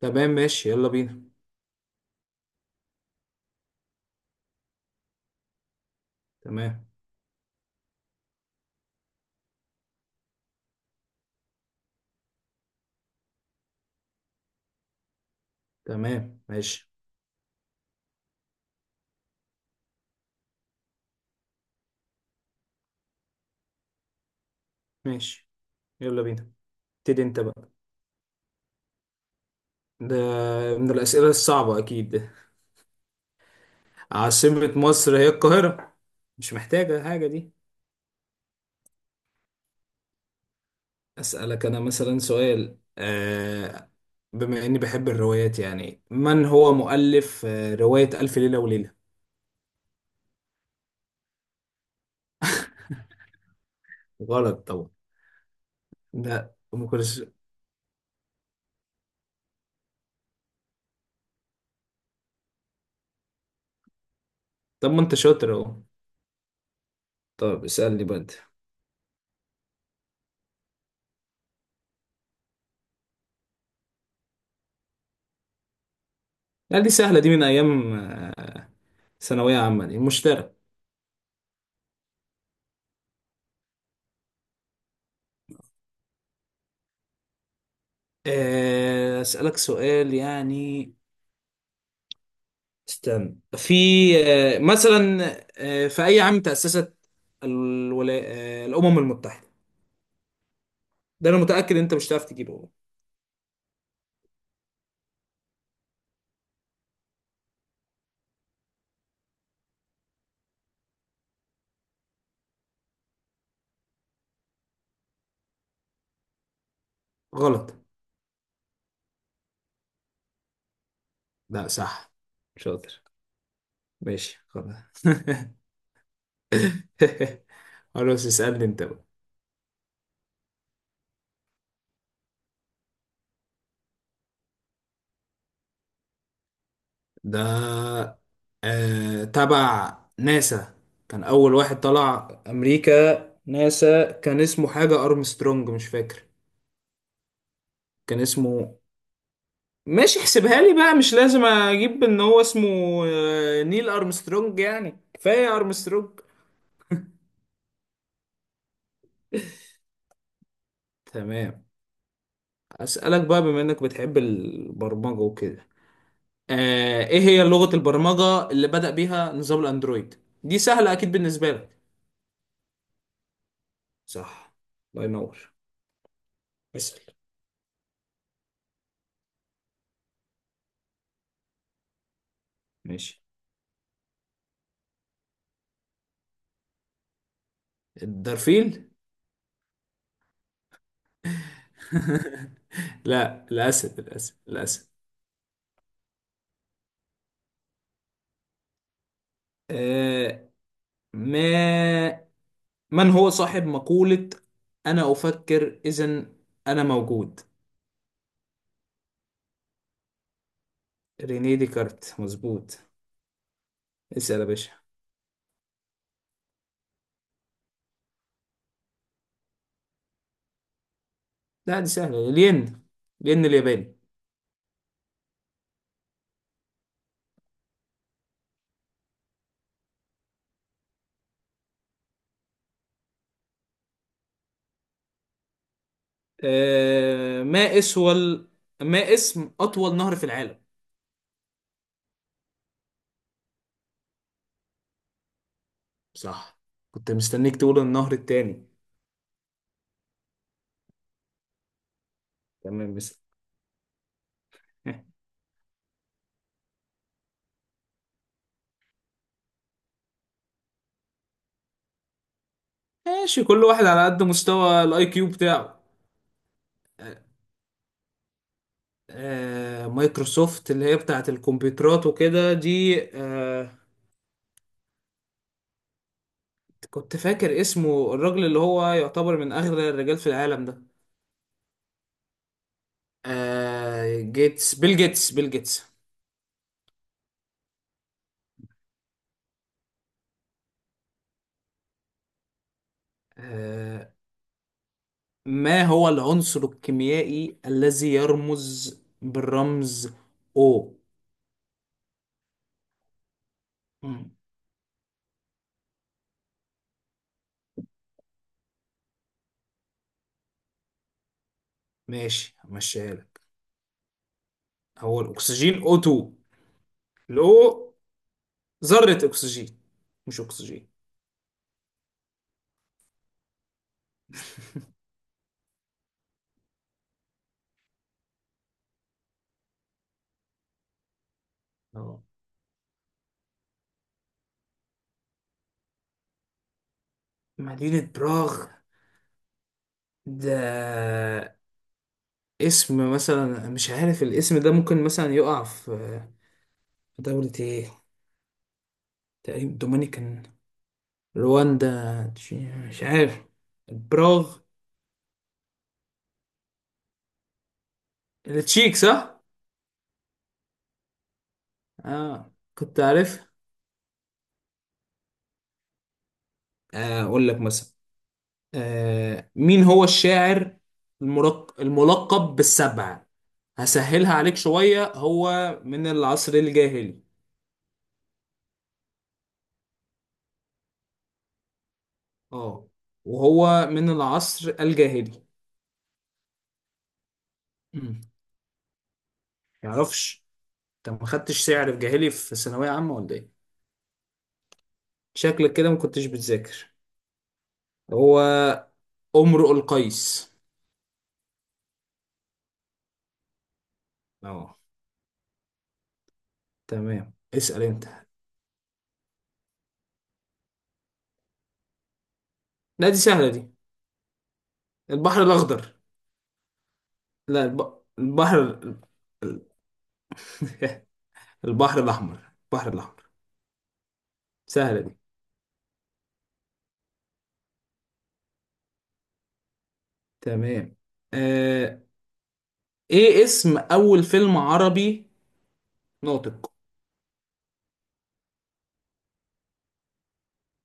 تمام ماشي يلا بينا. تمام. تمام ماشي ماشي يلا بينا. ابتدي انت بقى. ده من الأسئلة الصعبة أكيد ده. عاصمة مصر هي القاهرة، مش محتاجة حاجة دي. أسألك أنا مثلا سؤال، بما إني بحب الروايات، يعني من هو مؤلف رواية ألف ليلة وليلة؟ غلط طبعا. لا، أم كلثوم. طب ما أنت شاطر أهو. طب اسألني بقى أنت. لا دي سهلة، دي من أيام آه، ثانوية عامة، دي مشترك. أسألك سؤال يعني. استنى، في آه، مثلا في أي عام تأسست الولا... آه، الأمم المتحدة؟ ده أنا متأكد أنت مش هتعرف تجيبه والله. غلط. لا صح، شاطر. ماشي خلاص. خلاص اسألني أنت بقى. ده تبع ناسا، كان أول واحد طلع أمريكا. ناسا، كان اسمه حاجة أرمسترونج، مش فاكر كان اسمه. ماشي احسبها لي بقى، مش لازم اجيب ان هو اسمه نيل ارمسترونج، يعني كفايه ارمسترونج. تمام. اسالك بقى، بما انك بتحب البرمجه وكده، ايه هي لغه البرمجه اللي بدأ بيها نظام الاندرويد؟ دي سهله اكيد بالنسبه لك. صح، الله ينور. اسال. ماشي. الدرفيل. لا، الاسد، الاسد، الاسد. آه ما من هو صاحب مقولة أنا أفكر إذن أنا موجود؟ رينيه ديكارت، مظبوط. اسأل يا باشا. لا دي سهلة، الين، الين الياباني. آه ما اسول ما اسم أطول نهر في العالم؟ صح، كنت مستنيك تقول النهر التاني. تمام بس. ماشي، كل واحد على قد مستوى الاي كيو بتاعه. آه. مايكروسوفت اللي هي بتاعت الكمبيوترات وكده دي، آه، كنت فاكر اسمه، الراجل اللي هو يعتبر من اغنى الرجال في العالم ده، آه جيتس بيل جيتس، بيل جيتس. آه ما هو العنصر الكيميائي الذي يرمز بالرمز O؟ مم. ماشي همشيها لك. هو الاكسجين O2، الاو ذرة اكسجين، مش اكسجين. اه، مدينة براغ، ده اسم مثلا مش عارف، الاسم ده ممكن مثلا يقع في دولة ايه؟ تقريبا دومينيكان، رواندا، مش عارف. براغ، التشيك صح؟ اه، كنت عارف. اقول لك مثلا، مين هو الشاعر الملقب بالسبعة؟ هسهلها عليك شوية، هو من العصر الجاهلي. اه، وهو من العصر الجاهلي. مم. يعرفش، انت ما خدتش سعر في جاهلي في ثانوية عامة ولا ايه؟ شكلك كده ما كنتش بتذاكر. هو امرؤ القيس. اه. تمام، اسأل انت. لا دي سهلة دي. البحر الأخضر. لا الب... البحر ال- ال- البحر الأحمر، البحر الأحمر، سهلة دي. تمام. آه... ايه اسم أول فيلم عربي ناطق؟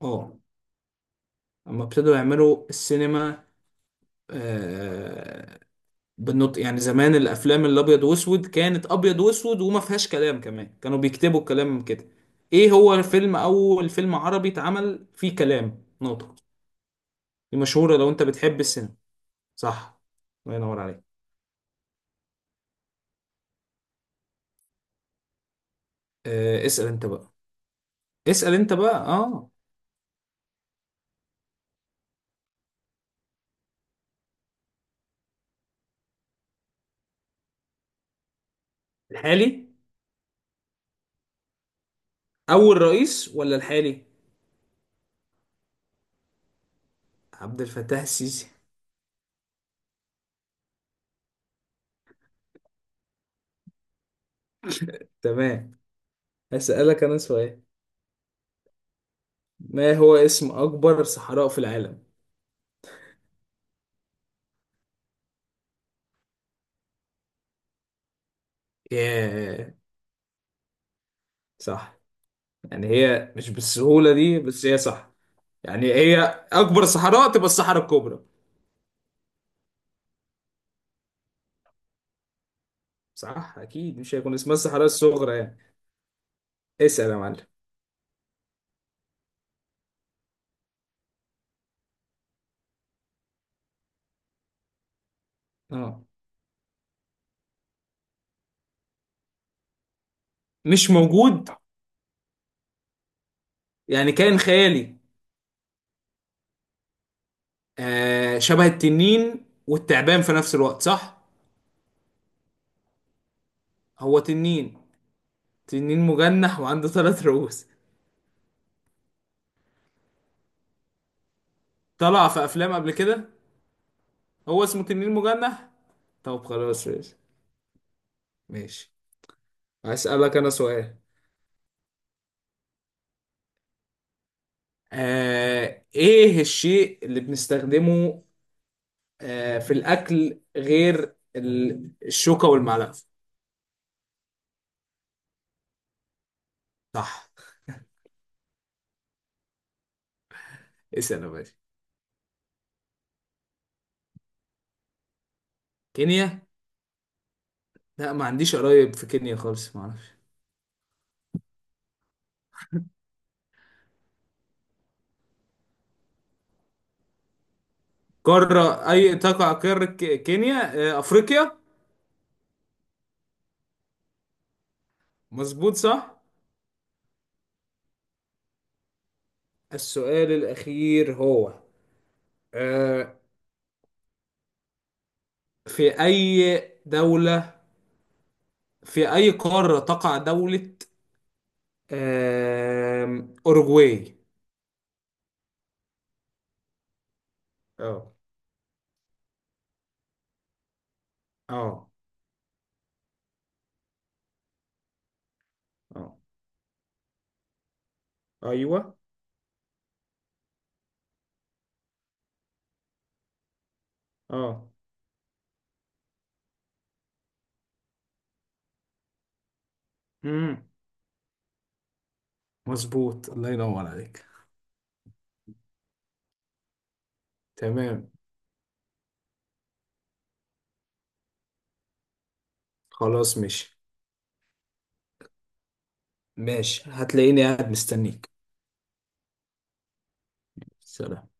اه، اما ابتدوا يعملوا السينما آه... بالنطق، يعني زمان الأفلام الأبيض وأسود، كانت أبيض وأسود وما فيهاش كلام، كمان كانوا بيكتبوا الكلام كده. ايه هو الفيلم، أول فيلم عربي اتعمل فيه كلام ناطق؟ دي مشهورة لو انت بتحب السينما. صح، الله ينور عليك. اسأل انت بقى. اسأل انت بقى، اه. الحالي؟ اول رئيس ولا الحالي؟ عبد الفتاح السيسي. تمام، هسألك انا سؤال. ما هو اسم اكبر صحراء في العالم؟ ياه، صح. يعني هي مش بالسهولة دي، بس هي صح. يعني هي اكبر صحراء تبقى الصحراء الكبرى؟ صح، اكيد مش هيكون اسمها الصحراء الصغرى يعني. اسأل يا معلم. اه. مش موجود؟ يعني كائن خيالي. آه، شبه التنين والتعبان في نفس الوقت، صح؟ هو تنين، تنين مجنح وعنده ثلاث رؤوس. طلع في افلام قبل كده. هو اسمه تنين مجنح. طب خلاص ماشي، ماشي. هسألك انا سؤال. ايه الشيء اللي بنستخدمه في الاكل غير الشوكة والمعلقة؟ صح، اسأل يا باشا. كينيا؟ لا ما عنديش قرايب في كينيا خالص، ما اعرفش. قارة اي تقع، قارة كينيا، آه، افريقيا. مظبوط صح؟ السؤال الأخير هو آه في أي دولة، في أي قارة تقع دولة أوروغواي؟ اه. اه. اه. أيوه. اه. مم. مظبوط، الله ينور عليك. تمام، خلاص ماشي. ماشي، هتلاقيني قاعد مستنيك. سلام.